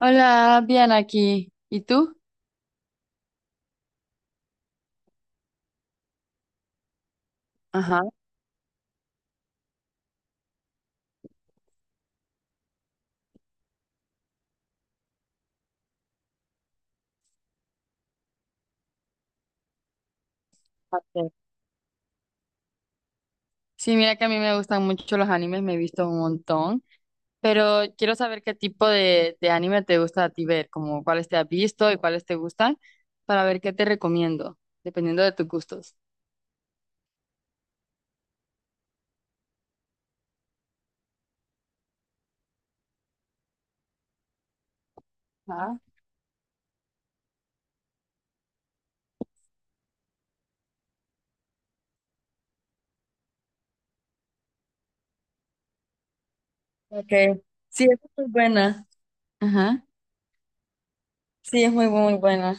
Hola, bien aquí. ¿Y tú? Ajá. Ok. Sí, mira que a mí me gustan mucho los animes, me he visto un montón, pero quiero saber qué tipo de anime te gusta a ti ver, como cuáles te has visto y cuáles te gustan, para ver qué te recomiendo, dependiendo de tus gustos. Ah. Ok. Sí, es muy buena. Ajá. Sí, es muy, muy buena.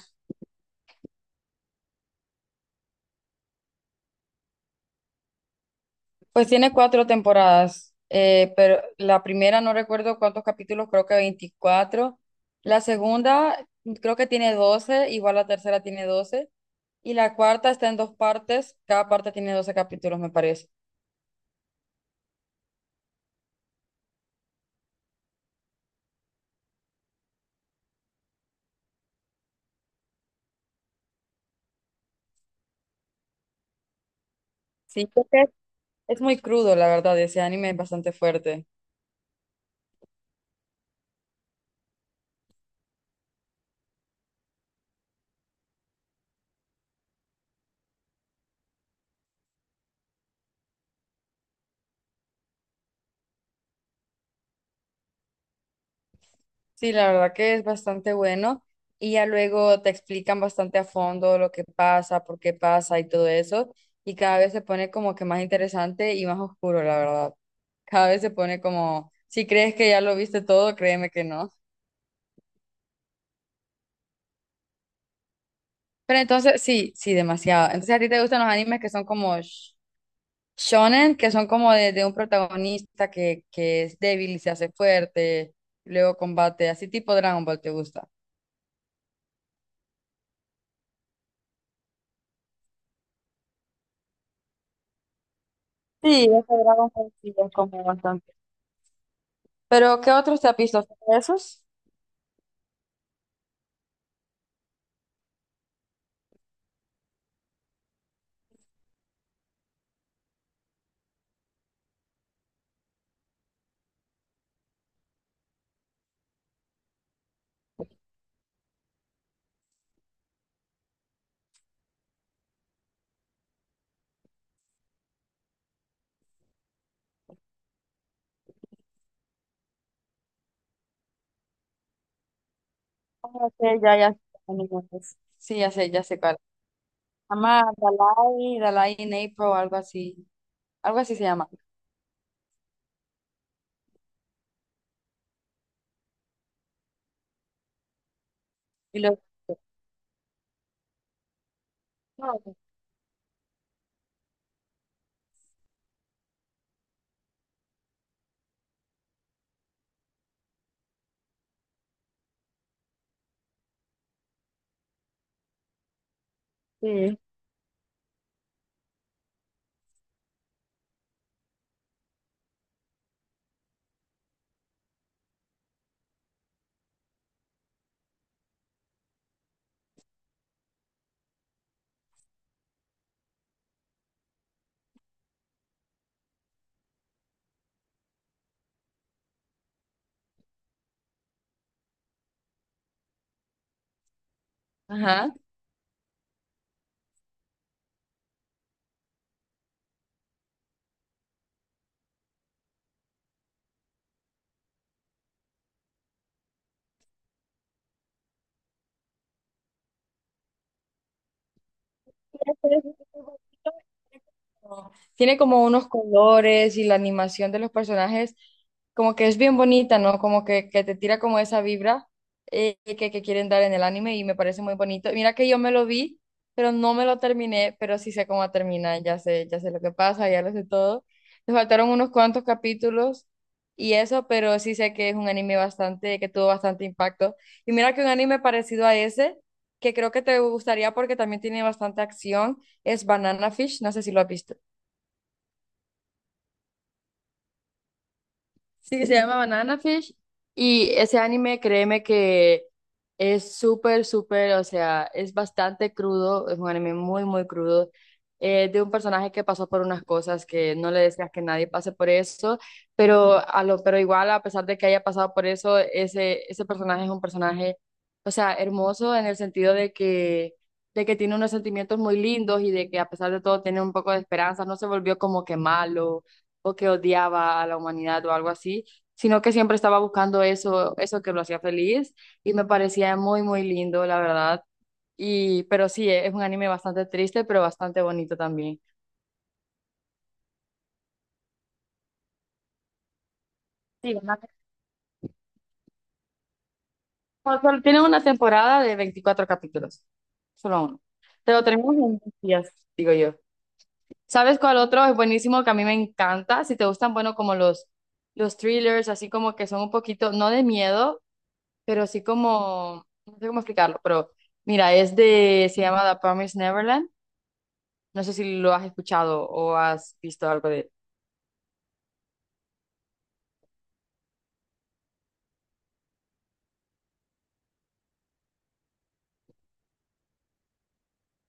Pues tiene cuatro temporadas, pero la primera no recuerdo cuántos capítulos, creo que 24. La segunda, creo que tiene 12. Igual, la tercera tiene 12. Y la cuarta está en dos partes, cada parte tiene 12 capítulos, me parece. Sí, creo que es muy crudo, la verdad, ese anime es bastante fuerte. Sí, la verdad que es bastante bueno. Y ya luego te explican bastante a fondo lo que pasa, por qué pasa y todo eso. Y cada vez se pone como que más interesante y más oscuro, la verdad. Cada vez se pone como, si crees que ya lo viste todo, créeme que no. Pero entonces, sí, sí, demasiado. Entonces, ¿a ti te gustan los animes que son como shonen, que son como de un protagonista que es débil y se hace fuerte, luego combate, así tipo Dragon Ball, te gusta? Sí, ese Dragon Ball sí es como bastante. Pero, ¿qué otros te has visto? ¿Solo esos? Como que ya, ya, animales. Sí, ya sé cuál. Se llama Dalai, Dalai in April, algo así. Algo así se llama. Y los sí. Ajá. Tiene como unos colores y la animación de los personajes, como que es bien bonita, ¿no? Como que te tira como esa vibra, que quieren dar en el anime y me parece muy bonito. Mira que yo me lo vi, pero no me lo terminé, pero sí sé cómo termina, ya sé lo que pasa, ya lo sé todo. Me faltaron unos cuantos capítulos y eso, pero sí sé que es un anime bastante, que tuvo bastante impacto. Y mira que un anime parecido a ese, que creo que te gustaría porque también tiene bastante acción, es Banana Fish, no sé si lo has visto. Sí, se llama Banana Fish. Y ese anime, créeme que es súper, súper, o sea, es bastante crudo, es un anime muy, muy crudo, de un personaje que pasó por unas cosas que no le deseas que nadie pase por eso, pero igual, a pesar de que haya pasado por eso, ese personaje es un personaje, o sea, hermoso en el sentido de que tiene unos sentimientos muy lindos y de que a pesar de todo tiene un poco de esperanza, no se volvió como que malo o que odiaba a la humanidad o algo así, sino que siempre estaba buscando eso, eso que lo hacía feliz y me parecía muy, muy lindo, la verdad. Pero sí, es un anime bastante triste, pero bastante bonito también. Sí, o sea, tiene una temporada de 24 capítulos, solo uno. Te lo tenemos en 10 días, digo yo. ¿Sabes cuál otro es buenísimo que a mí me encanta? Si te gustan, bueno, como los thrillers, así como que son un poquito, no de miedo, pero así como, no sé cómo explicarlo, pero mira, se llama The Promised Neverland. No sé si lo has escuchado o has visto algo de él.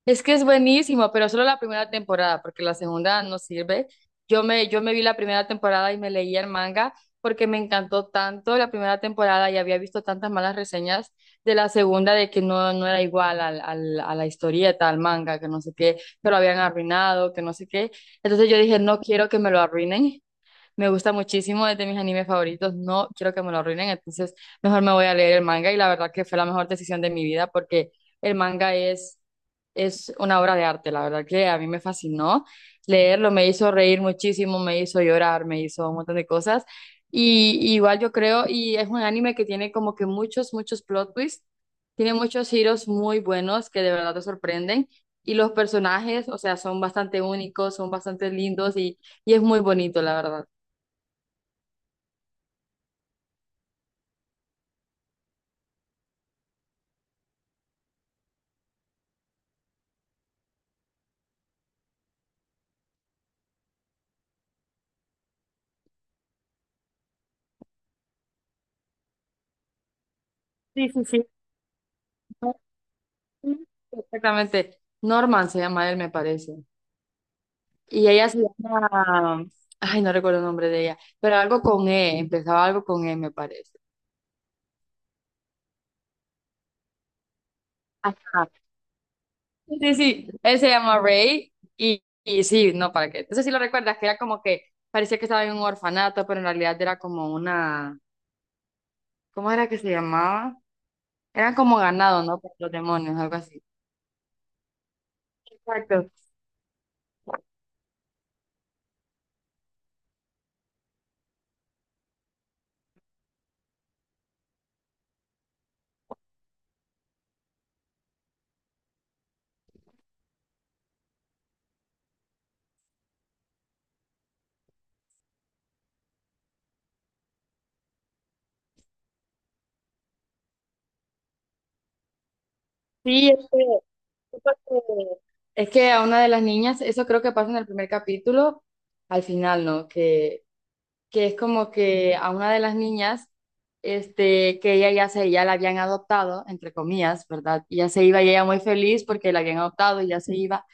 Es que es buenísimo, pero solo la primera temporada, porque la segunda no sirve. Yo me vi la primera temporada y me leí el manga porque me encantó tanto la primera temporada y había visto tantas malas reseñas de la segunda de que no, no era igual a la historieta, al manga, que no sé qué, que lo habían arruinado, que no sé qué. Entonces yo dije, no quiero que me lo arruinen. Me gusta muchísimo, es de mis animes favoritos. No quiero que me lo arruinen, entonces mejor me voy a leer el manga. Y la verdad que fue la mejor decisión de mi vida porque el manga es una obra de arte. La verdad que a mí me fascinó leerlo, me hizo reír muchísimo, me hizo llorar, me hizo un montón de cosas. Y igual yo creo, y es un anime que tiene como que muchos, muchos plot twists. Tiene muchos giros muy buenos que de verdad te sorprenden. Y los personajes, o sea, son bastante únicos, son bastante lindos y es muy bonito, la verdad. Sí, sí, sí. Exactamente. Norman se llama él, me parece. Y ella se llama, ay, no recuerdo el nombre de ella, pero algo con E, empezaba algo con E, me parece. Ajá. Sí, sí, él se llama Ray y sí, no, ¿para qué? Entonces sí lo recuerdas, que era como que parecía que estaba en un orfanato, pero en realidad era como una, ¿cómo era que se llamaba? Eran como ganado, ¿no? Por los demonios, algo así. Exacto. Sí, este, porque es que a una de las niñas, eso creo que pasa en el primer capítulo, al final, ¿no? Que es como que a una de las niñas, este, que ella ya la habían adoptado, entre comillas, ¿verdad? Y ya se iba y ella muy feliz porque la habían adoptado y ya se iba,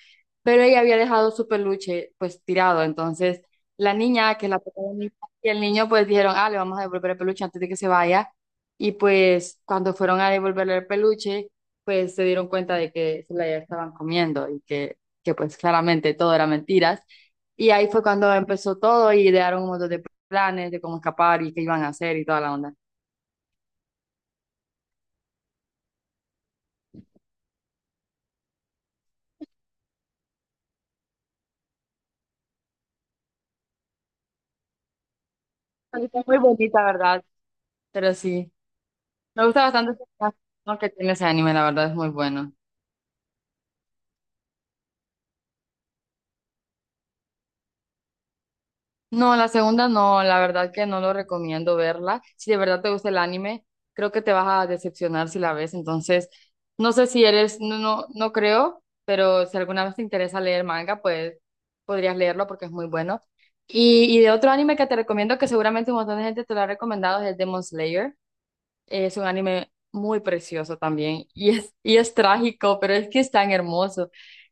pero ella había dejado su peluche pues tirado. Entonces la niña, que es la protagonista, y el niño pues dijeron, ah, le vamos a devolver el peluche antes de que se vaya. Y pues cuando fueron a devolverle el peluche, pues se dieron cuenta de que se la estaban comiendo y que pues claramente todo era mentiras. Y ahí fue cuando empezó todo y idearon un montón de planes de cómo escapar y qué iban a hacer y toda la onda. Está muy bonita, ¿verdad? Pero sí, me gusta bastante el que tiene ese anime, la verdad es muy bueno. No, la segunda no, la verdad que no lo recomiendo verla. Si de verdad te gusta el anime, creo que te vas a decepcionar si la ves. Entonces, no sé si eres, no, no, no creo, pero si alguna vez te interesa leer manga, pues podrías leerlo porque es muy bueno. Y de otro anime que te recomiendo, que seguramente un montón de gente te lo ha recomendado, es el Demon Slayer. Es un anime muy precioso también y es trágico, pero es que es tan hermoso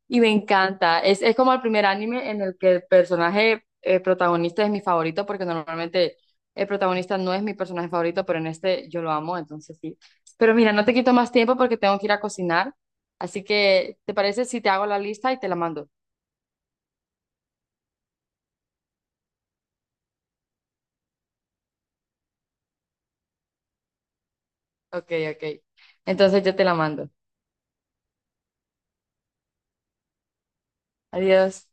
y me encanta. Es como el primer anime en el que el personaje protagonista es mi favorito, porque normalmente el protagonista no es mi personaje favorito, pero en este yo lo amo, entonces sí. Pero mira, no te quito más tiempo porque tengo que ir a cocinar, así que ¿te parece si te hago la lista y te la mando? Ok, ok. Entonces yo te la mando. Adiós.